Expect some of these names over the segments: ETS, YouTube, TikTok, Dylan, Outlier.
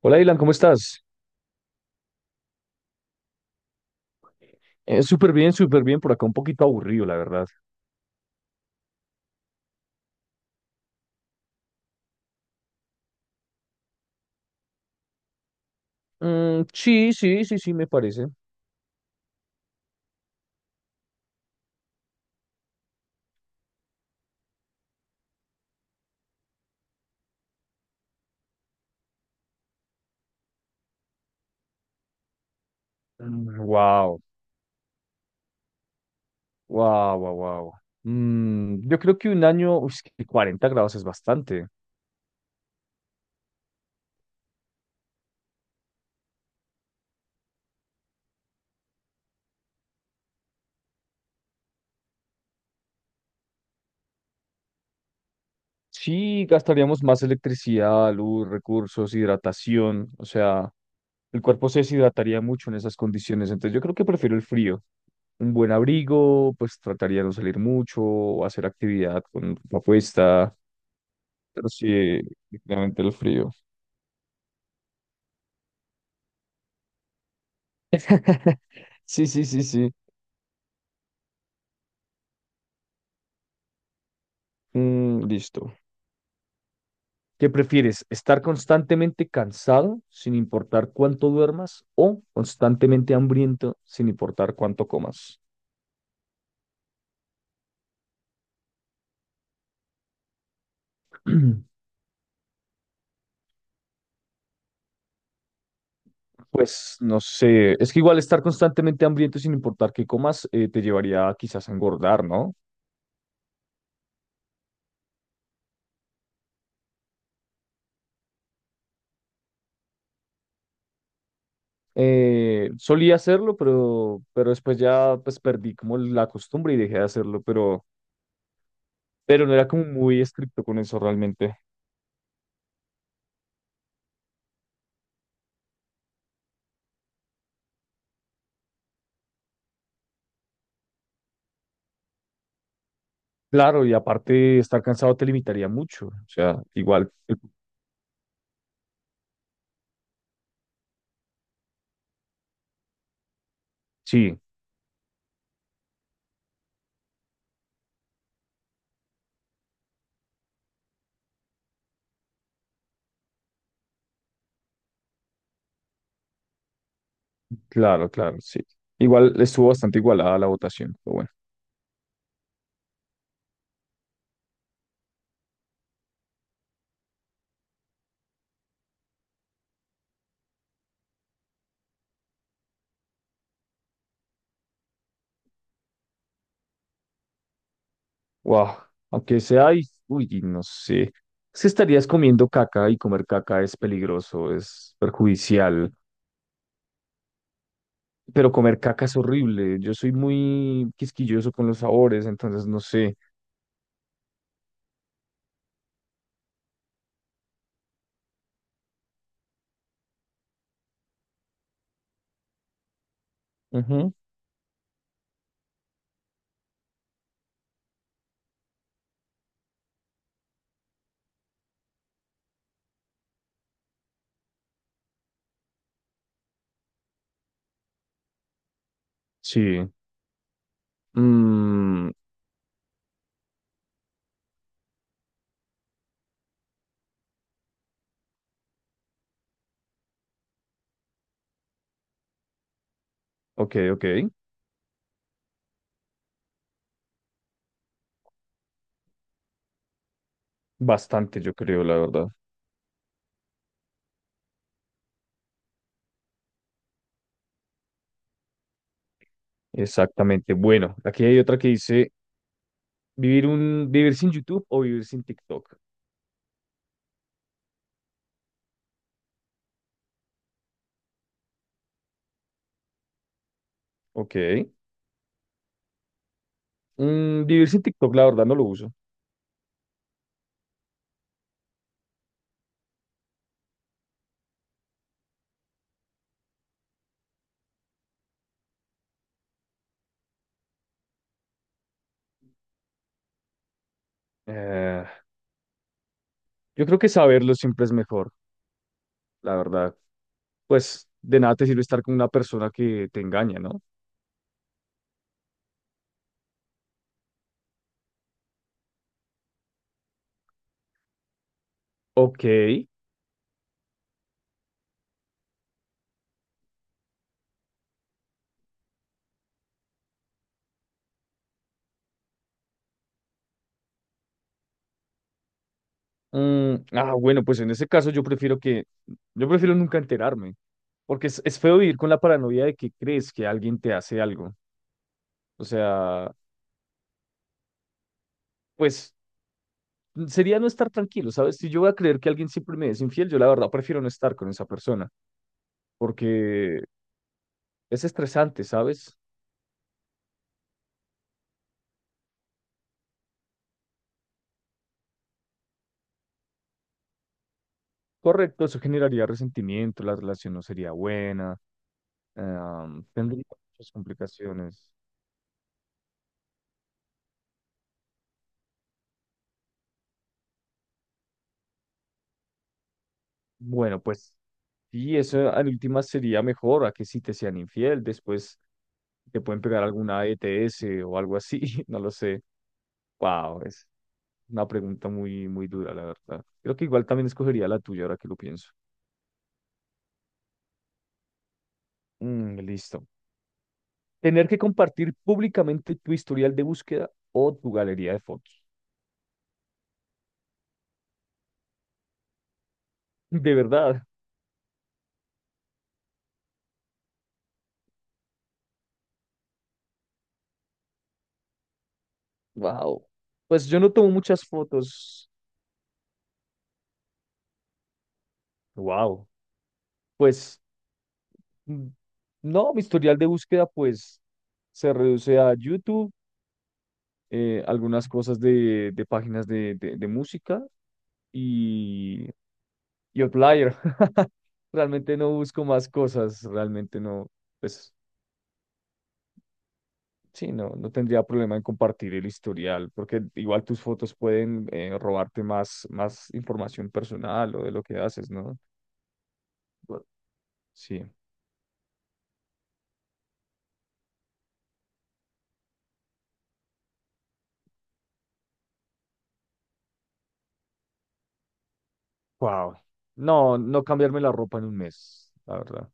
Hola, Dylan, ¿cómo estás? Súper bien, súper bien. Por acá un poquito aburrido, la verdad. Sí, sí, sí, sí, me parece. Wow, wow, wow, wow. Yo creo que un año, uy, es que 40 grados es bastante. Sí, gastaríamos más electricidad, luz, recursos, hidratación. O sea, el cuerpo se deshidrataría mucho en esas condiciones. Entonces, yo creo que prefiero el frío. Un buen abrigo, pues trataría de no salir mucho, o hacer actividad con ropa puesta. Pero sí, definitivamente el frío. Sí, sí, sí, sí. Listo. ¿Qué prefieres? ¿Estar constantemente cansado sin importar cuánto duermas o constantemente hambriento sin importar cuánto comas? Pues no sé, es que igual estar constantemente hambriento sin importar qué comas te llevaría quizás a engordar, ¿no? Solía hacerlo, pero después ya pues perdí como la costumbre y dejé de hacerlo, pero no era como muy estricto con eso realmente. Claro, y aparte estar cansado te limitaría mucho. O sea, igual, sí, claro, claro, sí. Igual estuvo bastante igualada la votación, pero bueno. Wow, aunque sea, y, uy, y no sé. Si estarías comiendo caca y comer caca es peligroso, es perjudicial, pero comer caca es horrible. Yo soy muy quisquilloso con los sabores, entonces no sé. Ujú. Sí. Mm, ok, ok. Bastante, yo creo, la verdad. Exactamente. Bueno, aquí hay otra que dice. Vivir sin YouTube o vivir sin TikTok. Ok. Vivir sin TikTok, la verdad, no lo uso. Eh, yo creo que saberlo siempre es mejor, la verdad. Pues de nada te sirve estar con una persona que te engaña, ¿no? Ok. Bueno, pues en ese caso yo prefiero nunca enterarme, porque es feo vivir con la paranoia de que crees que alguien te hace algo. O sea, pues sería no estar tranquilo, ¿sabes? Si yo voy a creer que alguien siempre me es infiel, yo la verdad prefiero no estar con esa persona, porque es estresante, ¿sabes? Correcto, eso generaría resentimiento, la relación no sería buena, tendría muchas complicaciones. Bueno, pues sí, eso en últimas sería mejor a que si te sean infiel, después te pueden pegar alguna ETS o algo así. No lo sé. Wow, es una pregunta muy, muy dura, la verdad. Creo que igual también escogería la tuya ahora que lo pienso. Listo. Tener que compartir públicamente tu historial de búsqueda o tu galería de fotos. De verdad. Wow. Pues yo no tomo muchas fotos. Wow. Pues mm, no, mi historial de búsqueda pues se reduce a YouTube, algunas cosas de, de páginas de música y, y Outlier. Realmente no busco más cosas, realmente no, pues sí, no, no tendría problema en compartir el historial, porque igual tus fotos pueden robarte más, más información personal o de lo que haces, ¿no? Bu- Sí. Wow. No, no cambiarme la ropa en un mes, la verdad.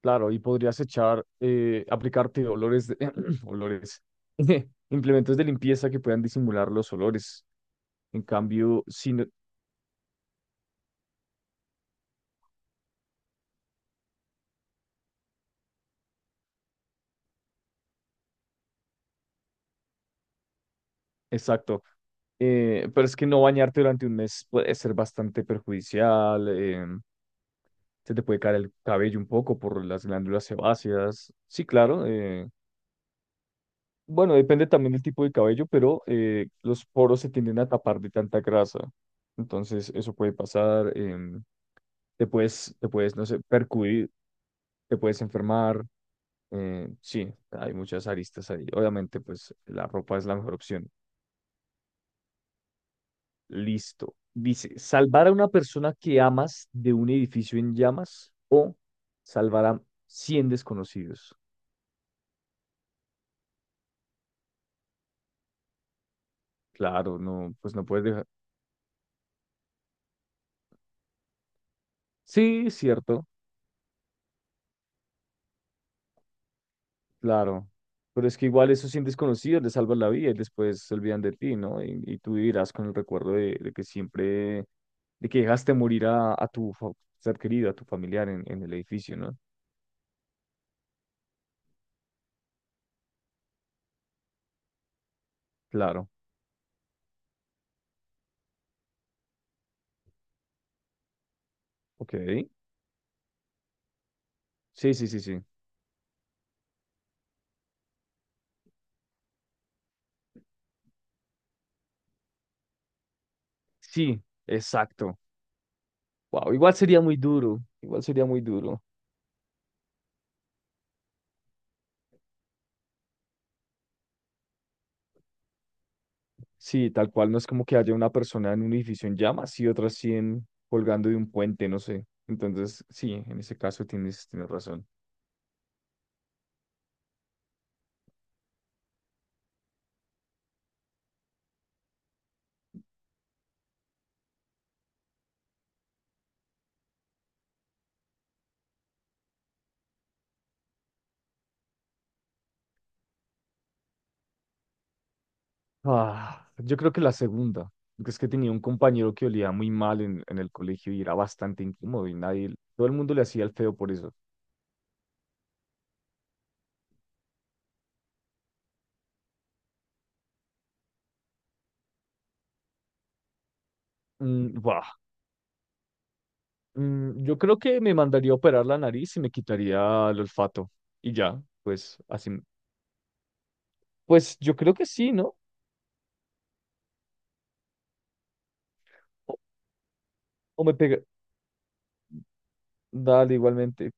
Claro, y podrías echar, aplicarte olores, olores, implementos de limpieza que puedan disimular los olores. En cambio, exacto. Pero es que no bañarte durante un mes puede ser bastante perjudicial. Se te puede caer el cabello un poco por las glándulas sebáceas. Sí, claro. Bueno, depende también del tipo de cabello, pero los poros se tienden a tapar de tanta grasa. Entonces, eso puede pasar. Te puedes no sé, percudir, te puedes enfermar. Sí, hay muchas aristas ahí. Obviamente, pues la ropa es la mejor opción. Listo. Dice, salvar a una persona que amas de un edificio en llamas o salvar a 100 desconocidos. Claro, no, pues no puedes dejar. Sí, cierto. Claro, pero es que igual esos 100 desconocidos les salvan la vida y después se olvidan de ti, ¿no? Y tú vivirás con el recuerdo de que siempre, de que dejaste morir a, ser querido, a tu familiar en el edificio, ¿no? Claro, ok. Sí, sí, sí, sí. Sí, exacto. Wow, igual sería muy duro, igual sería muy duro. Sí, tal cual, no es como que haya una persona en un edificio en llamas y otras 100 colgando de un puente, no sé. Entonces, sí, en ese caso tienes, tienes razón. Ah, yo creo que la segunda, porque es que tenía un compañero que olía muy mal en el colegio y era bastante incómodo y nadie, todo el mundo le hacía el feo por eso. Mm, buah, yo creo que me mandaría a operar la nariz y me quitaría el olfato y ya, pues así, pues yo creo que sí, ¿no? O, o me pega, dale igualmente,